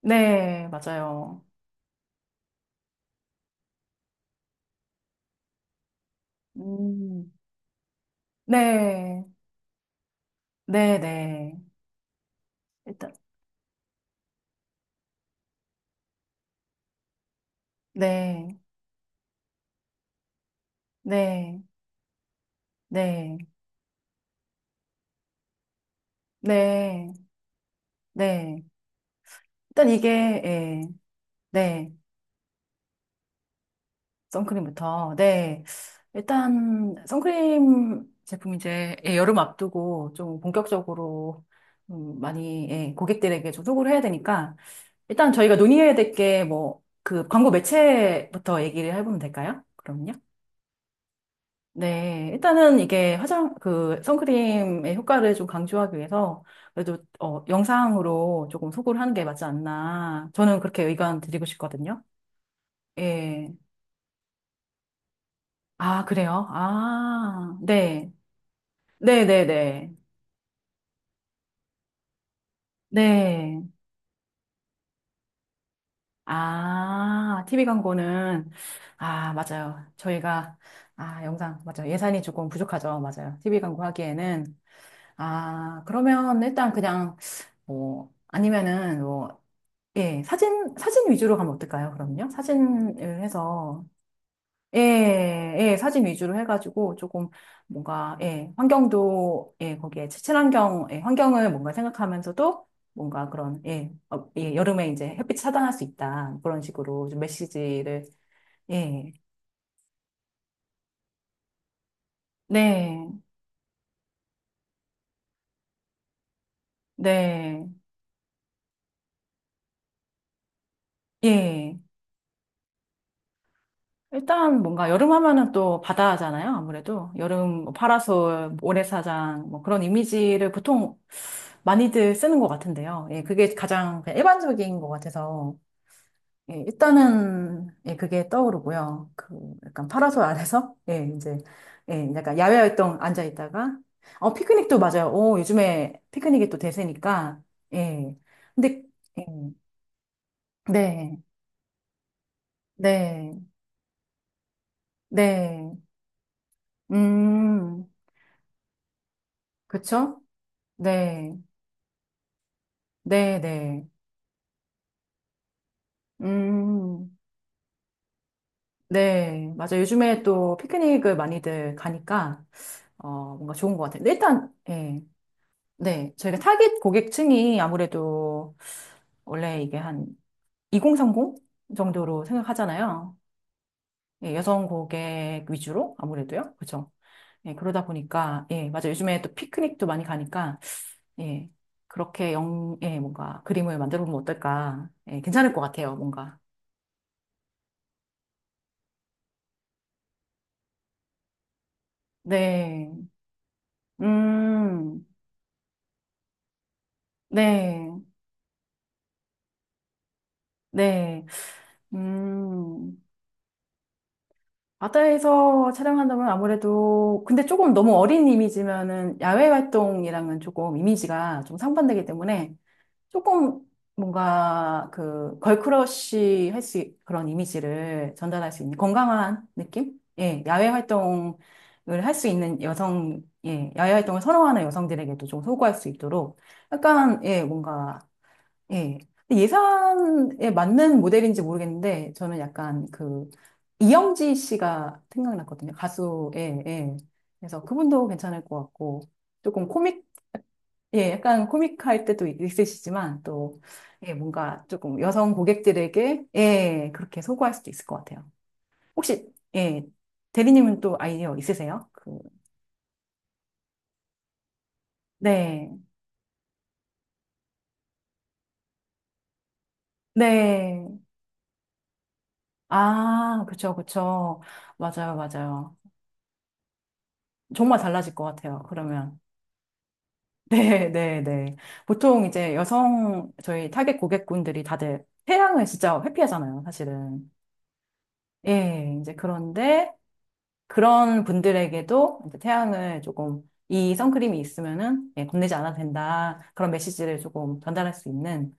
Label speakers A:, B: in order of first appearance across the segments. A: 네, 맞아요. 음, 네, 네, 네. 일단, 네, 네, 네, 네, 네. 일단 이게, 예, 네, 선크림부터, 네. 일단, 선크림 제품 이제, 예, 여름 앞두고 좀 본격적으로 많이, 예, 고객들에게 좀 소구를 해야 되니까, 일단 저희가 논의해야 될 게 뭐, 그 광고 매체부터 얘기를 해보면 될까요? 그럼요. 네, 일단은 이게 화장, 그, 선크림의 효과를 좀 강조하기 위해서 그래도, 어, 영상으로 조금 소구를 하는 게 맞지 않나. 저는 그렇게 의견 드리고 싶거든요. 예. 아, 그래요? 아, 네. 네네네. 네. 아, TV 광고는, 아, 맞아요. 저희가, 아, 영상, 맞아요. 예산이 조금 부족하죠. 맞아요. TV 광고 하기에는. 아, 그러면 일단 그냥, 뭐, 아니면은 뭐, 예, 사진 위주로 가면 어떨까요, 그럼요? 사진을 해서, 예, 예, 사진 위주로 해가지고 조금 뭔가, 예, 환경도, 예, 거기에 친환경, 예, 환경을 뭔가 생각하면서도 뭔가 그런, 예, 어, 예, 여름에 이제 햇빛 차단할 수 있다. 그런 식으로 좀 메시지를, 예, 네, 네, 예. 일단 뭔가 여름 하면은 또 바다잖아요. 아무래도 여름 뭐 파라솔, 모래사장 뭐 그런 이미지를 보통 많이들 쓰는 것 같은데요. 예, 그게 가장 그냥 일반적인 것 같아서 예, 일단은 예, 그게 떠오르고요. 그 약간 파라솔 아래서 예, 이제 예, 약간 야외 활동 앉아 있다가 어 피크닉도 맞아요. 오, 요즘에 피크닉이 또 대세니까 예. 근데 예. 네. 네. 네. 음. 그쵸? 네, 네, 네. 음, 네. 맞아. 요즘에 또 피크닉을 많이들 가니까, 어, 뭔가 좋은 것 같아요. 근데 일단, 예. 네. 저희가 타깃 고객층이 아무래도 원래 이게 한 2030 정도로 생각하잖아요. 예, 여성 고객 위주로 아무래도요. 그죠? 예, 그러다 보니까, 예, 맞아. 요즘에 또 피크닉도 많이 가니까, 예. 그렇게 영, 예, 뭔가 그림을 만들어 보면 어떨까. 예, 괜찮을 것 같아요. 뭔가. 네. 음, 네, 네, 음, 바다에서 촬영한다면 아무래도, 근데 조금 너무 어린 이미지면은 야외 활동이랑은 조금 이미지가 좀 상반되기 때문에 조금 뭔가 그 걸크러쉬 할 수, 그런 이미지를 전달할 수 있는 건강한 느낌? 예, 야외 활동을 할 수 있는 여성, 예, 야외 활동을 선호하는 여성들에게도 좀 소구할 수 있도록 약간, 예, 뭔가 예. 근데 예산에 맞는 모델인지 모르겠는데, 저는 약간 그, 이영지 씨가 생각났거든요. 가수, 예, 예. 그래서 그분도 괜찮을 것 같고, 조금 코믹, 예, 약간 코믹할 때도 있으시지만, 또, 예, 뭔가 조금 여성 고객들에게, 예, 그렇게 소구할 수도 있을 것 같아요. 혹시, 예, 대리님은 또 아이디어 있으세요? 그, 네, 네. 아, 그쵸, 그쵸. 맞아요, 맞아요. 정말 달라질 것 같아요, 그러면. 네, 네, 네. 보통 이제 여성 저희 타겟 고객분들이 다들 태양을 진짜 회피하잖아요, 사실은. 예, 이제 그런데 그런 분들에게도 이제 태양을 조금 이 선크림이 있으면은 예, 겁내지 않아도 된다. 그런 메시지를 조금 전달할 수 있는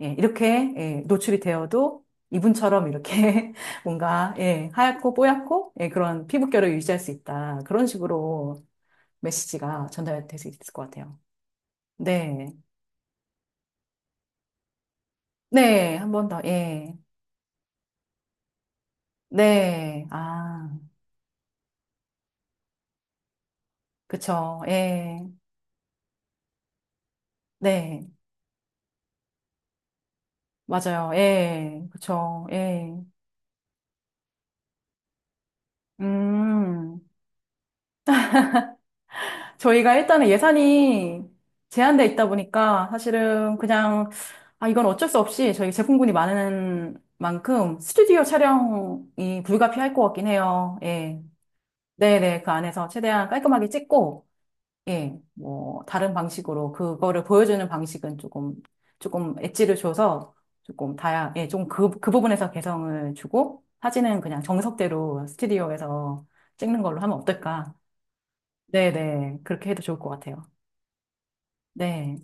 A: 예, 이렇게 예, 노출이 되어도 이분처럼 이렇게 뭔가 예, 하얗고 뽀얗고 예, 그런 피부결을 유지할 수 있다. 그런 식으로 메시지가 전달될 수 있을 것 같아요. 네. 네, 한 번 더, 예. 네, 아, 그쵸, 예. 네, 맞아요, 예. 그쵸, 예. 음, 저희가 일단은 예산이 제한돼 있다 보니까 사실은 그냥, 아, 이건 어쩔 수 없이 저희 제품군이 많은 만큼 스튜디오 촬영이 불가피할 것 같긴 해요, 예. 네네, 그 안에서 최대한 깔끔하게 찍고, 예, 뭐, 다른 방식으로 그거를 보여주는 방식은 조금, 조금 엣지를 줘서 조금 다양, 예, 좀 그, 그 부분에서 개성을 주고 사진은 그냥 정석대로 스튜디오에서 찍는 걸로 하면 어떨까? 네네. 그렇게 해도 좋을 것 같아요. 네.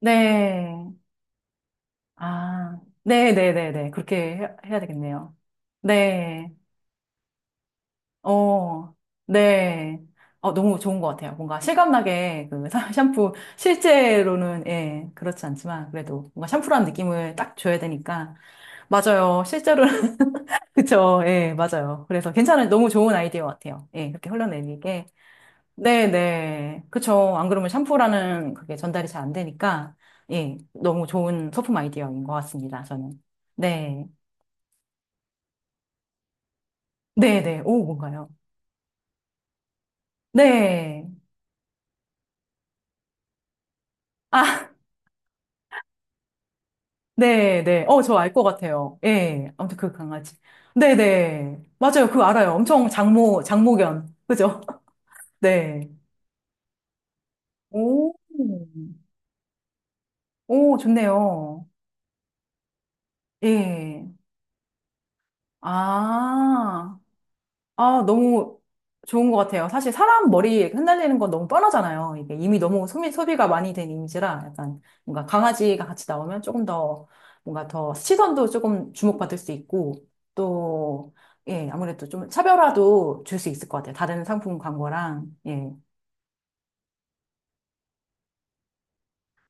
A: 네. 아, 네네네네. 그렇게 해야 되겠네요. 네. 어, 네. 어, 너무 좋은 것 같아요. 뭔가 실감나게 그 샴푸, 실제로는, 예, 그렇지 않지만, 그래도 뭔가 샴푸라는 느낌을 딱 줘야 되니까. 맞아요. 실제로는, 그쵸. 예, 맞아요. 그래서 괜찮은, 너무 좋은 아이디어 같아요. 예, 이렇게 흘러내리게. 네네. 그쵸. 안 그러면 샴푸라는 그게 전달이 잘 안 되니까, 예, 너무 좋은 소품 아이디어인 것 같습니다. 저는. 네. 네네. 오, 뭔가요? 네. 아, 네, 네. 어, 저 알 것 같아요. 예. 아무튼 그 강아지. 네, 네. 맞아요. 그거 알아요. 엄청 장모견. 그죠? 네. 오, 오, 좋네요. 예. 아. 아, 너무 좋은 것 같아요. 사실 사람 머리 흩날리는 건 너무 뻔하잖아요. 이게 이미 너무 소비가 많이 된 이미지라 약간 뭔가 강아지가 같이 나오면 조금 더 뭔가 더 시선도 조금 주목받을 수 있고 또, 예, 아무래도 좀 차별화도 줄 수 있을 것 같아요. 다른 상품 광고랑, 예.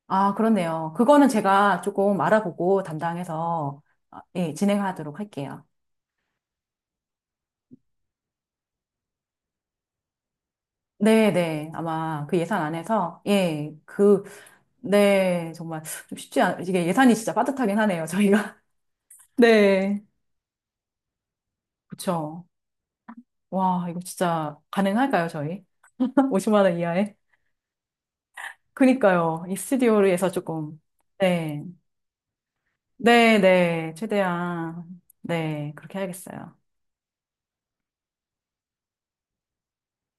A: 아, 그렇네요. 그거는 제가 조금 알아보고 담당해서, 아, 예, 진행하도록 할게요. 네네. 아마 그 예산 안에서, 예, 그, 네, 정말 좀 쉽지 않, 이게 예산이 진짜 빠듯하긴 하네요, 저희가. 네. 그쵸. 와, 이거 진짜 가능할까요, 저희? 50만 원 이하에? 그니까요. 이 스튜디오에서 조금. 네. 네, 네. 최대한. 네, 그렇게 해야겠어요.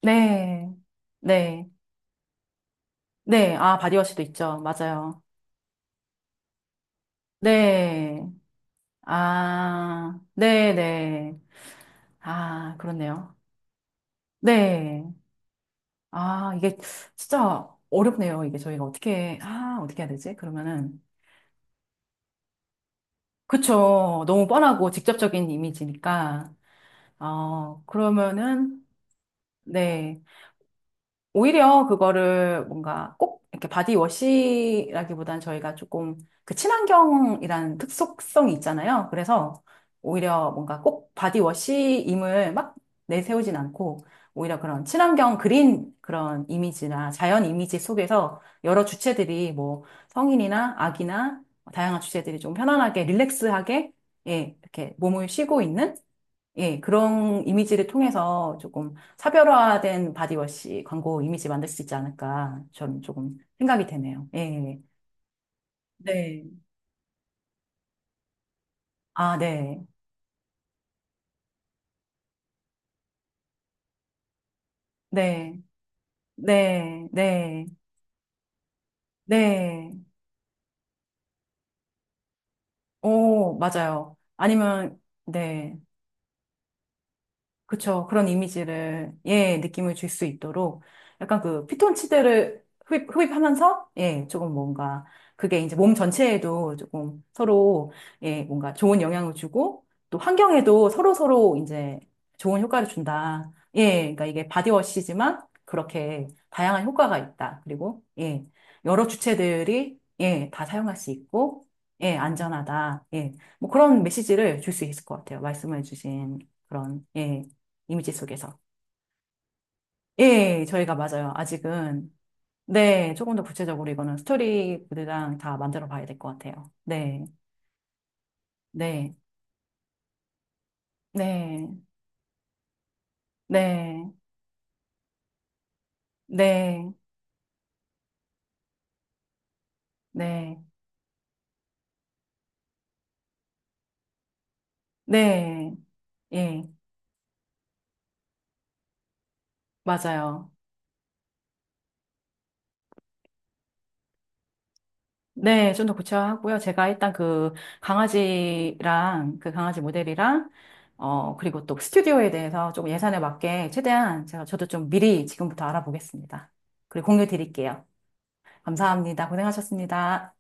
A: 네. 네. 네. 아, 바디워시도 있죠. 맞아요. 네. 아, 네, 네. 아, 그렇네요. 네. 아, 이게 진짜 어렵네요. 이게 저희가 어떻게, 아, 어떻게 해야 되지? 그러면은. 그쵸. 너무 뻔하고 직접적인 이미지니까. 어, 그러면은, 네. 오히려 그거를 뭔가 꼭 이렇게 바디워시라기보단 저희가 조금 그 친환경이라는 특속성이 있잖아요. 그래서 오히려 뭔가 꼭 바디워시임을 막 내세우진 않고 오히려 그런 친환경 그린 그런 이미지나 자연 이미지 속에서 여러 주체들이 뭐 성인이나 아기나 다양한 주체들이 좀 편안하게 릴렉스하게 예, 이렇게 몸을 쉬고 있는 예, 그런 이미지를 통해서 조금 차별화된 바디워시 광고 이미지 만들 수 있지 않을까 저는 조금 생각이 되네요. 예. 네. 아, 네. 네. 네. 네. 네. 오, 맞아요. 아니면 네. 그쵸. 그런 이미지를, 예, 느낌을 줄 수 있도록 약간 그 피톤치드를 흡입하면서, 예, 조금 뭔가 그게 이제 몸 전체에도 조금 서로, 예, 뭔가 좋은 영향을 주고 또 환경에도 서로서로 이제 좋은 효과를 준다. 예, 그러니까 이게 바디워시지만 그렇게 다양한 효과가 있다. 그리고, 예, 여러 주체들이, 예, 다 사용할 수 있고, 예, 안전하다. 예, 뭐 그런 메시지를 줄 수 있을 것 같아요. 말씀해 주신 그런, 예. 이미지 속에서. 예, 저희가 맞아요. 아직은. 네, 조금 더 구체적으로 이거는 스토리보드랑 다 만들어 봐야 될 것 같아요. 네, 네, 네, 네, 네, 네, 네, 예, 맞아요. 네, 좀 더 구체화하고요. 제가 일단 그 강아지랑 그 강아지 모델이랑 어, 그리고 또 스튜디오에 대해서 조금 예산에 맞게 최대한 제가 저도 좀 미리 지금부터 알아보겠습니다. 그리고 공유 드릴게요. 감사합니다. 고생하셨습니다.